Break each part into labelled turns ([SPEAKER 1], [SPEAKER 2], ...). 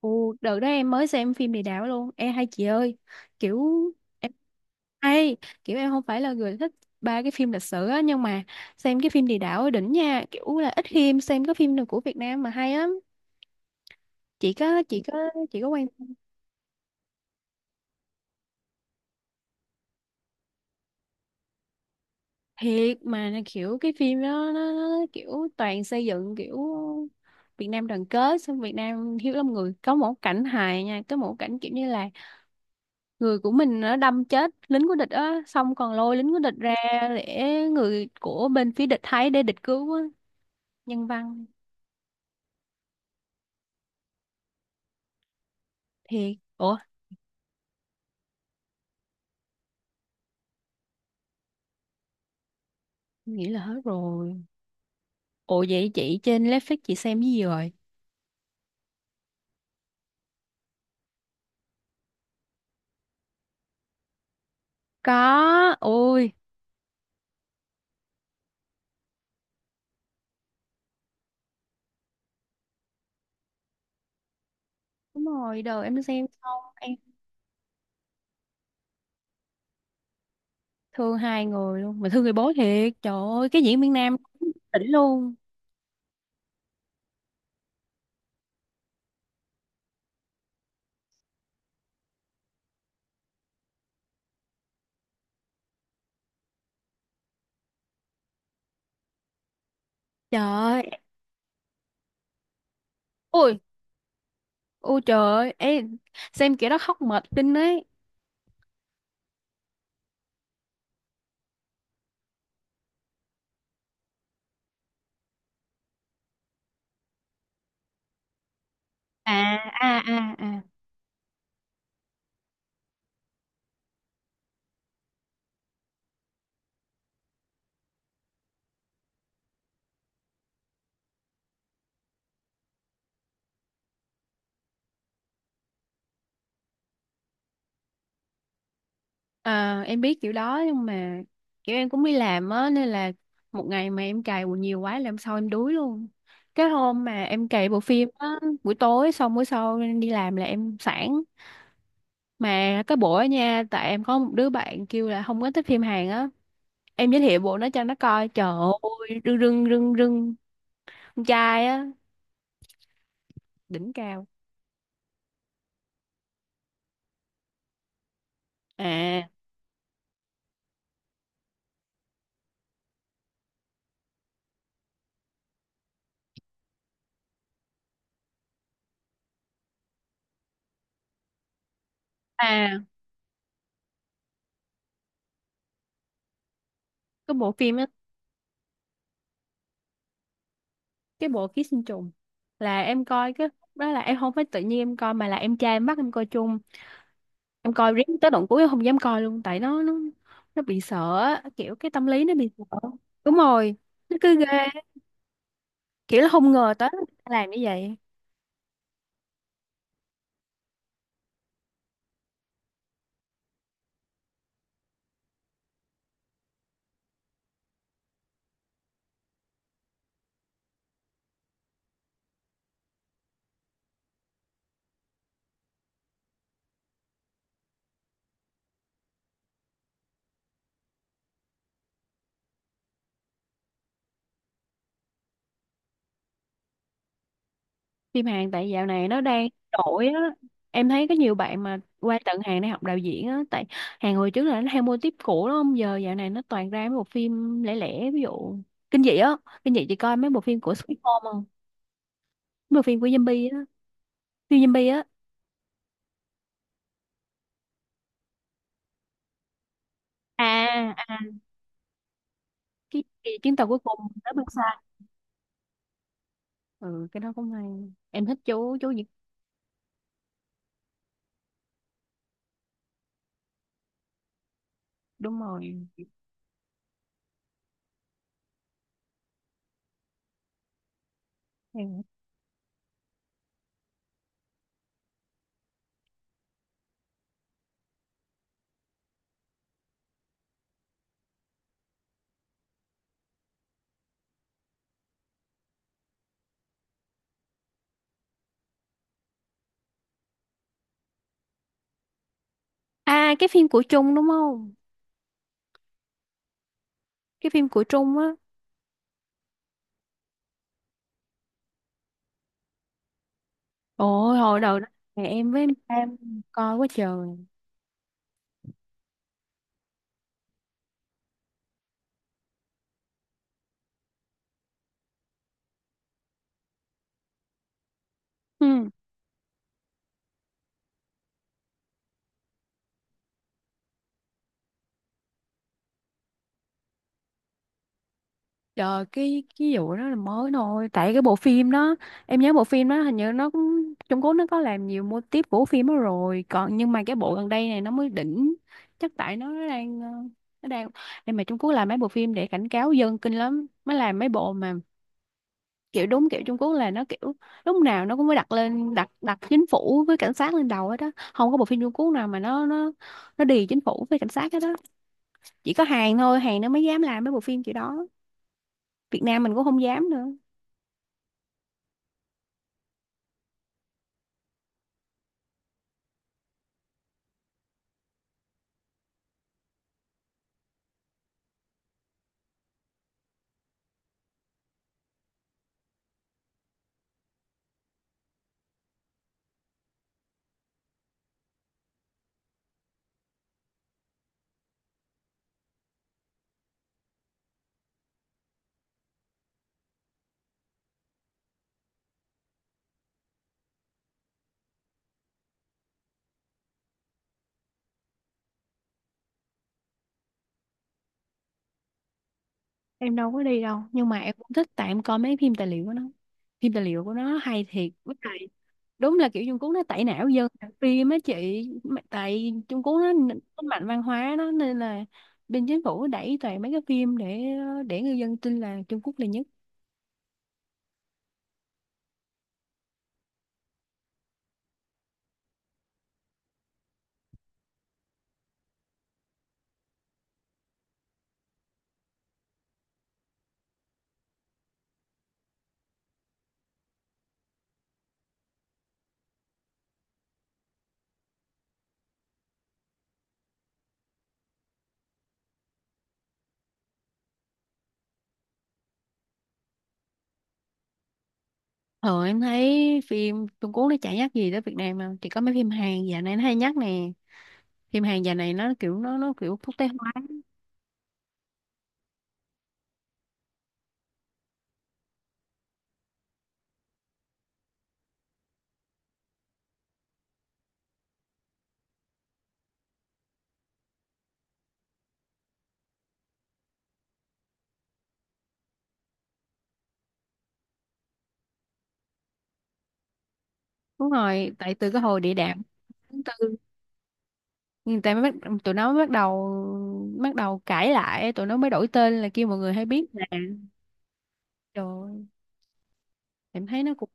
[SPEAKER 1] Ồ, đợt đó em mới xem phim Địa Đạo luôn. Em hay chị ơi, kiểu em hay, kiểu em không phải là người thích ba cái phim lịch sử á, nhưng mà xem cái phim Địa Đạo ở đỉnh nha, kiểu là ít khi xem cái phim nào của Việt Nam mà hay lắm. Chị có chị có chị có quan tâm thiệt mà. Là kiểu cái phim đó nó kiểu toàn xây dựng kiểu Việt Nam đoàn kết, xong Việt Nam hiếu lắm người. Có một cảnh hài nha, có một cảnh kiểu như là người của mình nó đâm chết lính của địch á, xong còn lôi lính của địch ra để người của bên phía địch thấy, để địch cứu á. Nhân văn thiệt. Ủa, nghĩ là hết rồi. Ủa vậy chị trên Netflix chị xem cái gì rồi? Có ôi. Đúng rồi, đầu em xem xong em thương hai người luôn mà, thương người bố thiệt, trời ơi, cái diễn viên nam đỉnh luôn. Trời ơi, ôi ôi trời ơi. Ê, xem kiểu đó khóc mệt kinh ấy. À à à à. Ờ, em biết kiểu đó nhưng mà kiểu em cũng đi làm á, nên là một ngày mà em cày quần nhiều quá làm sao, em đuối luôn. Cái hôm mà em cày bộ phim á, buổi tối xong buổi sau em đi làm là em sẵn. Mà cái bộ á nha, tại em có một đứa bạn kêu là không có thích phim Hàn á, em giới thiệu bộ nó cho nó coi, trời ơi, rưng rưng rưng rưng. Con trai á, đỉnh cao. À à. Cái bộ phim á, cái bộ ký sinh trùng là em coi cái đó, là em không phải tự nhiên em coi mà là em trai em bắt em coi chung. Em coi riết tới đoạn cuối em không dám coi luôn, tại nó bị sợ á, kiểu cái tâm lý nó bị sợ. Đúng rồi, nó cứ ghê, kiểu là không ngờ tới người ta làm như vậy. Phim Hàn tại dạo này nó đang nổi á, em thấy có nhiều bạn mà qua tận Hàn để học đạo diễn á. Tại Hàn hồi trước là nó theo mô típ cũ đúng không, giờ dạo này nó toàn ra mấy bộ phim lẻ lẻ, ví dụ kinh dị á. Kinh dị chị coi mấy bộ phim của Sweet Home không? Mấy bộ phim của zombie á, phim zombie á. À à, cái chuyến tàu cuối cùng tới. Ừ, cái đó cũng hay. Em thích chú Việt. Đúng rồi em. À cái phim của Trung đúng không? Cái phim của Trung á. Ôi hồi đầu đó thì em với em Sam coi quá trời. Ừ. Trời, cái vụ đó là mới thôi, tại cái bộ phim đó em nhớ bộ phim đó hình như nó cũng Trung Quốc, nó có làm nhiều mô típ của phim đó rồi còn, nhưng mà cái bộ gần đây này nó mới đỉnh. Chắc tại nó đang, nó đang, nhưng mà Trung Quốc làm mấy bộ phim để cảnh cáo dân kinh lắm mới làm mấy bộ mà, kiểu đúng kiểu Trung Quốc là nó kiểu lúc nào nó cũng phải đặt lên đặt đặt chính phủ với cảnh sát lên đầu hết đó. Không có bộ phim Trung Quốc nào mà nó đì chính phủ với cảnh sát hết đó. Chỉ có Hàn thôi, Hàn nó mới dám làm mấy bộ phim kiểu đó. Việt Nam mình cũng không dám nữa. Em đâu có đi đâu nhưng mà em cũng thích, tại em coi mấy phim tài liệu của nó. Phim tài liệu của nó hay thiệt, với lại đúng là kiểu Trung Quốc nó tẩy não dân làm phim á chị. Mà tại Trung Quốc nó mạnh văn hóa nó nên là bên chính phủ đẩy toàn mấy cái phim để người dân tin là Trung Quốc là nhất. Ờ em thấy phim Trung Quốc nó chả nhắc gì tới Việt Nam mà chỉ có mấy phim Hàn dạo này nó hay nhắc nè. Phim Hàn dạo này nó kiểu quốc tế hóa. Đúng rồi, tại từ cái hồi địa đạm tháng tư người ta tụi nó mới bắt đầu cãi lại, tụi nó mới đổi tên là kêu mọi người hay biết nè. Trời ơi, em thấy nó cũng.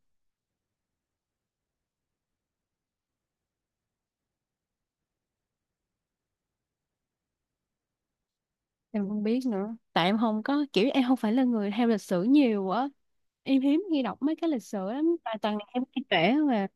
[SPEAKER 1] Em không biết nữa, tại em không có kiểu, em không phải là người theo lịch sử nhiều á, em hiếm khi đọc mấy cái lịch sử lắm, tại toàn là em thấy trẻ mà.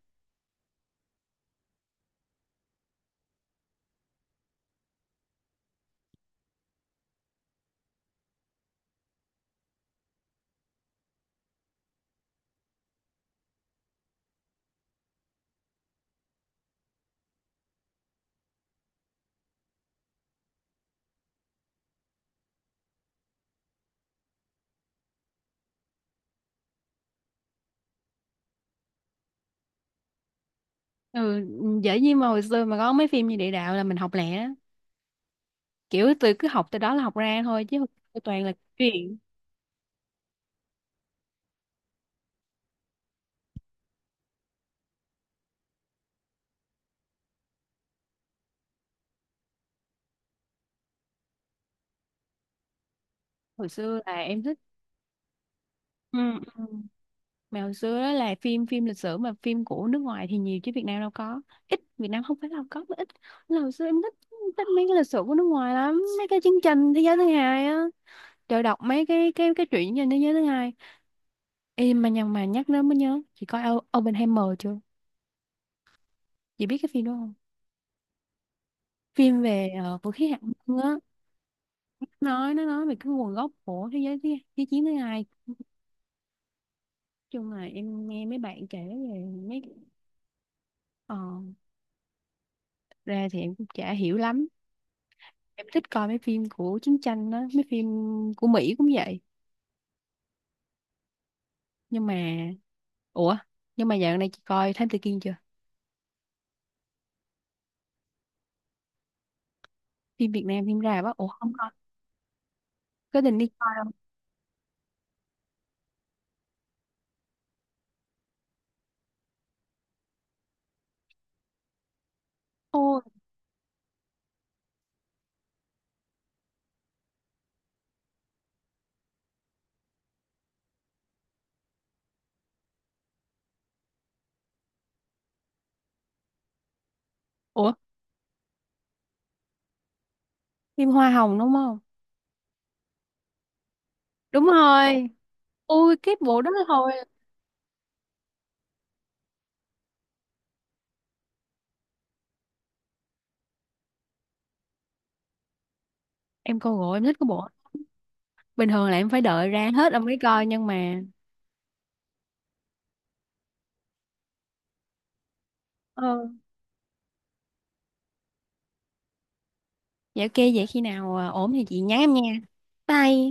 [SPEAKER 1] Ừ, dễ gì mà hồi xưa mà có mấy phim như địa đạo là mình học lẹ á, kiểu tôi cứ học từ đó là học ra thôi chứ, tôi toàn là chuyện. Hồi xưa là em thích. Ừ, ừ. Mà hồi xưa đó là phim phim lịch sử, mà phim của nước ngoài thì nhiều chứ Việt Nam đâu có, ít, Việt Nam không phải là có mà ít. Là hồi xưa em thích thích mấy cái lịch sử của nước ngoài lắm, mấy cái chương trình thế giới thứ hai á. Trời, đọc mấy cái truyện trên thế giới thứ hai. Ê, mà nhằn mà nhắc đến mới nhớ, chị coi Oppenheimer chưa? Chị biết cái phim đó không? Phim về vũ khí hạt nhân á, nói nó nói về cái nguồn gốc của thế chiến thứ hai. Chung là em nghe mấy bạn kể về mấy, ờ, ra thì em cũng chả hiểu lắm. Em thích coi mấy phim của chiến tranh đó, mấy phim của Mỹ cũng vậy. Nhưng mà ủa nhưng mà dạo này chị coi Thám Tử Kiên chưa? Phim Việt Nam phim ra á, ủa không coi? Có định đi coi không? Ôi, ủa phim Hoa Hồng đúng không? Đúng rồi, ui cái bộ đó thôi, em coi rồi, em thích cái bộ. Bình thường là em phải đợi ra hết ông mới coi nhưng mà. ờ dạ ok, vậy khi nào ổn thì chị nhắn em nha. Bye.